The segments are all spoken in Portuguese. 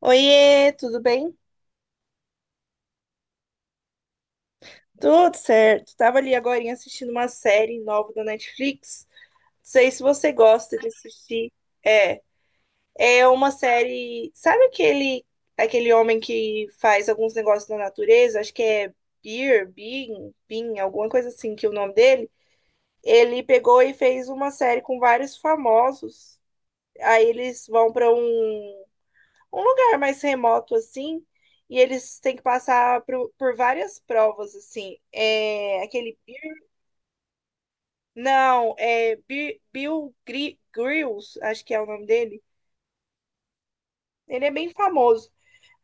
Oiê, tudo bem? Tudo certo. Tava ali agorinha assistindo uma série nova da Netflix. Não sei se você gosta de assistir. É, é uma série. Sabe aquele homem que faz alguns negócios na natureza? Acho que é Beer, Bean, Bean, alguma coisa assim que é o nome dele. Ele pegou e fez uma série com vários famosos. Aí eles vão para um lugar mais remoto assim, e eles têm que passar por várias provas assim. É aquele Bir- não, é Bir- Bill Gri- Grills, acho que é o nome dele. Ele é bem famoso.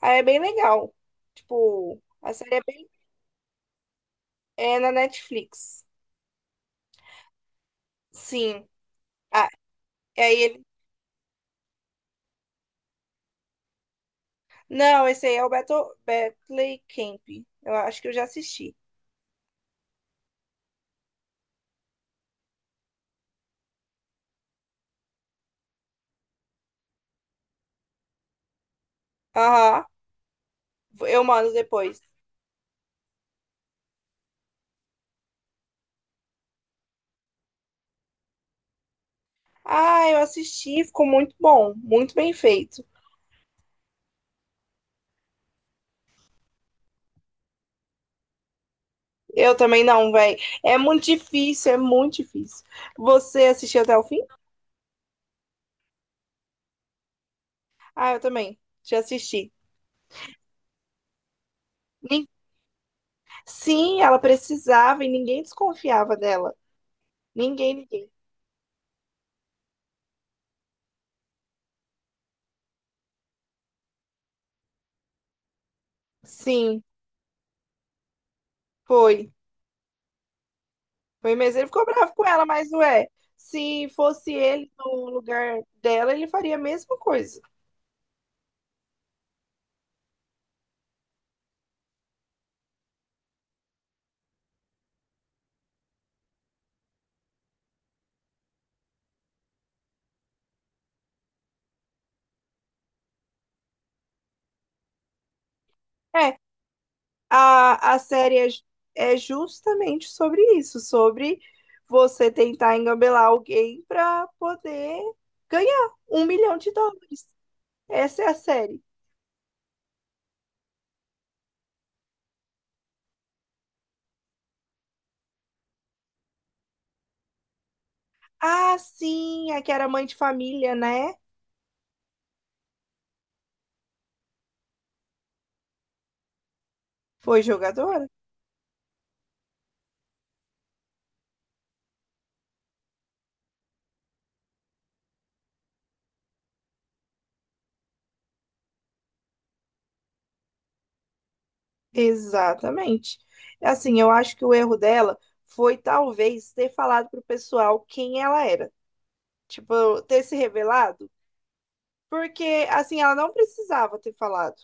Aí é bem legal. Tipo, a série é bem é na Netflix. Sim. Ah, aí ele não, esse aí é o Battle Camp. Eu acho que eu já assisti. Aham. Eu mando depois. Ah, eu assisti, ficou muito bom, muito bem feito. Eu também não, velho. É muito difícil, é muito difícil. Você assistiu até o fim? Ah, eu também. Já assisti. Nin- Sim, ela precisava e ninguém desconfiava dela. Ninguém, ninguém. Sim, foi. Foi mesmo. Ele ficou bravo com ela, mas ué, se fosse ele no lugar dela, ele faria a mesma coisa. É, a série é, é justamente sobre isso, sobre você tentar engambelar alguém para poder ganhar US$ 1 milhão. Essa é a série. Ah, sim, a que era mãe de família, né? Foi jogadora? Exatamente. Assim, eu acho que o erro dela foi talvez ter falado pro pessoal quem ela era. Tipo, ter se revelado. Porque, assim, ela não precisava ter falado.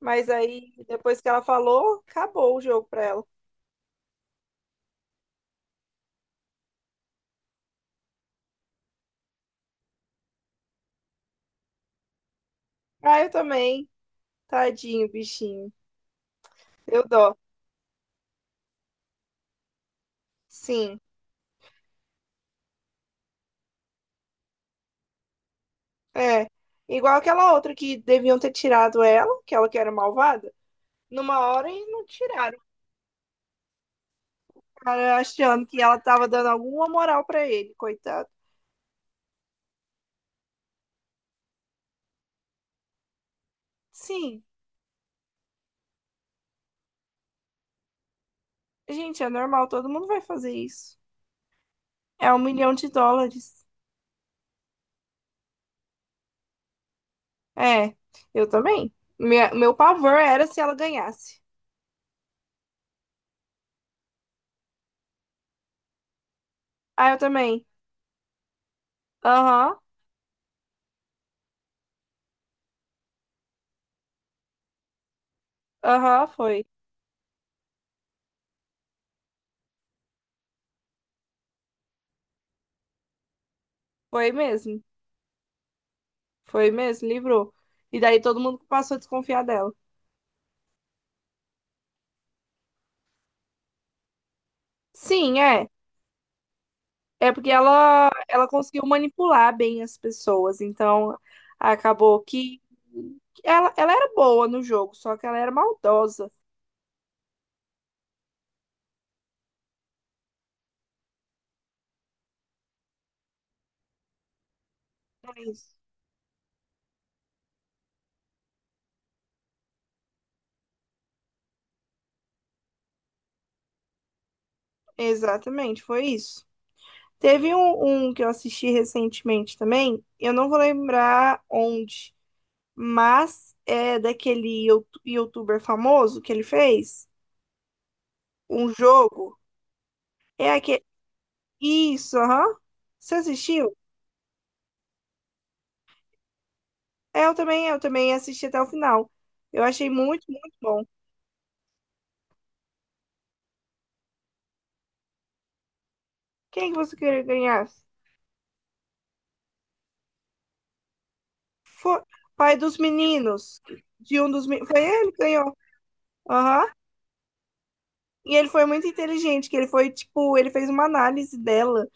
Mas aí, depois que ela falou, acabou o jogo pra ela. Ah, eu também. Tadinho, bichinho. Eu dó. Sim. É. Igual aquela outra que deviam ter tirado ela que era malvada, numa hora e não tiraram. O cara achando que ela tava dando alguma moral pra ele, coitado. Sim. Gente, é normal, todo mundo vai fazer isso. É US$ 1 milhão. É. Eu também. Meu pavor era se ela ganhasse. Ah, eu também. Aham. Aham, foi. Foi mesmo. Foi mesmo, livrou. E daí todo mundo passou a desconfiar dela. Sim, é. É porque ela conseguiu manipular bem as pessoas. Então, acabou que ela era boa no jogo, só que ela era maldosa. É isso. Exatamente, foi isso. Teve um que eu assisti recentemente também, eu não vou lembrar onde, mas é daquele youtuber famoso que ele fez, um jogo. É isso, aham. Você assistiu? É, eu também assisti até o final. Eu achei muito bom. Quem que você queria ganhar? Foi pai dos meninos. De um dos meninos. Foi ele que ganhou. Aham. E ele foi muito inteligente, que ele foi, tipo, ele fez uma análise dela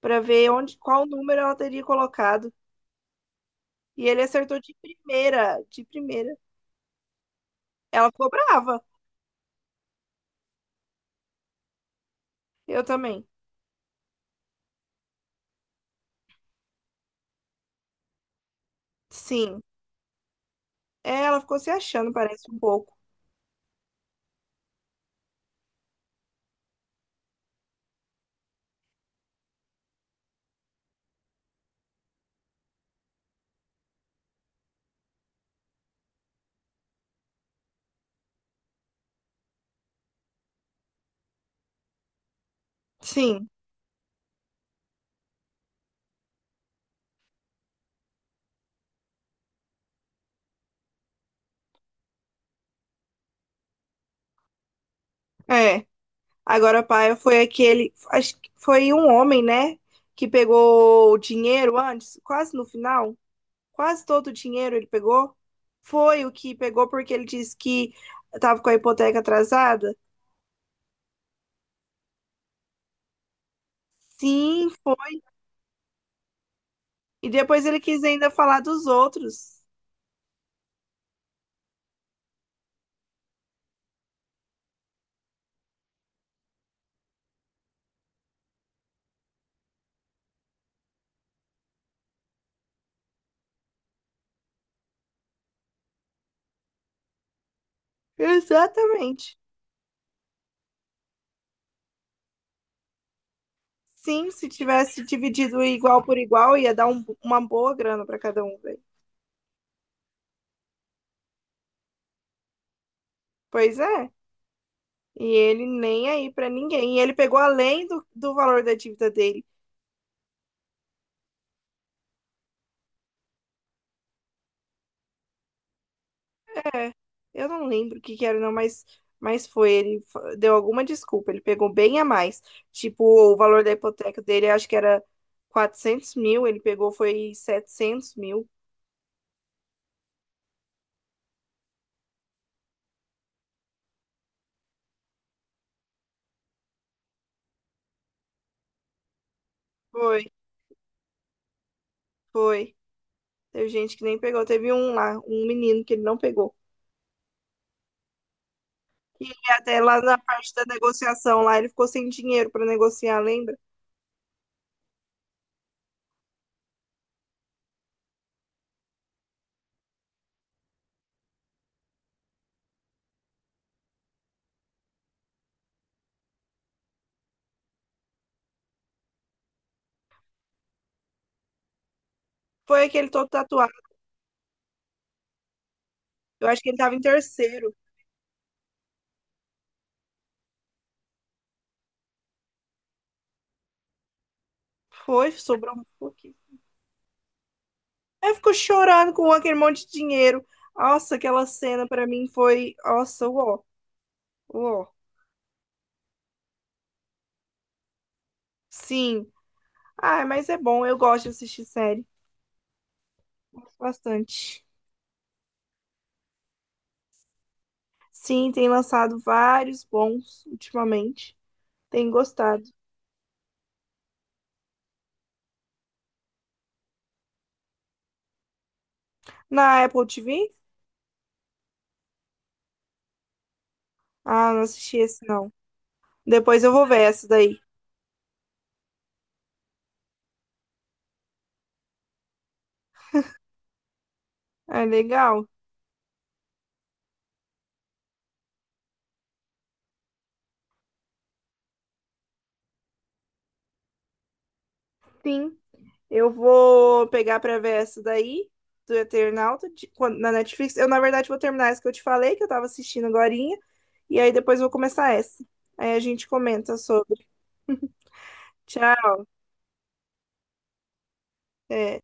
pra ver onde, qual número ela teria colocado. E ele acertou de primeira. Ela ficou brava. Eu também. Sim. É, ela ficou se achando, parece um pouco. Sim. É. Agora, Paia foi aquele. Acho que foi um homem, né? Que pegou o dinheiro antes, quase no final. Quase todo o dinheiro ele pegou. Foi o que pegou porque ele disse que estava com a hipoteca atrasada. Sim, foi. E depois ele quis ainda falar dos outros. Exatamente. Sim, se tivesse dividido igual por igual, ia dar uma boa grana para cada um, velho. Pois é. E ele nem aí para ninguém. E ele pegou além do valor da dívida dele. É, eu não lembro o que que era, não, mas foi. Deu alguma desculpa, ele pegou bem a mais. Tipo, o valor da hipoteca dele, acho que era 400 mil, ele pegou foi 700 mil. Foi, foi. Teve gente que nem pegou. Teve um lá, um menino que ele não pegou. E ele até lá na parte da negociação, lá ele ficou sem dinheiro pra negociar, lembra? Foi aquele todo tatuado. Eu acho que ele tava em terceiro. Foi, sobrou um pouquinho. Aí ficou chorando com aquele monte de dinheiro. Nossa, aquela cena pra mim foi. Nossa, uó, uó. Sim. Ah, mas é bom, eu gosto de assistir série. Gosto bastante. Sim, tem lançado vários bons ultimamente. Tem gostado. Na Apple TV? Ah, não assisti esse não. Depois eu vou ver essa daí. É legal? Sim. Eu vou pegar pra ver essa daí, do Eternauta, na Netflix. Eu, na verdade, vou terminar essa que eu te falei, que eu tava assistindo agorinha, e aí depois eu vou começar essa. Aí a gente comenta sobre. Tchau. É.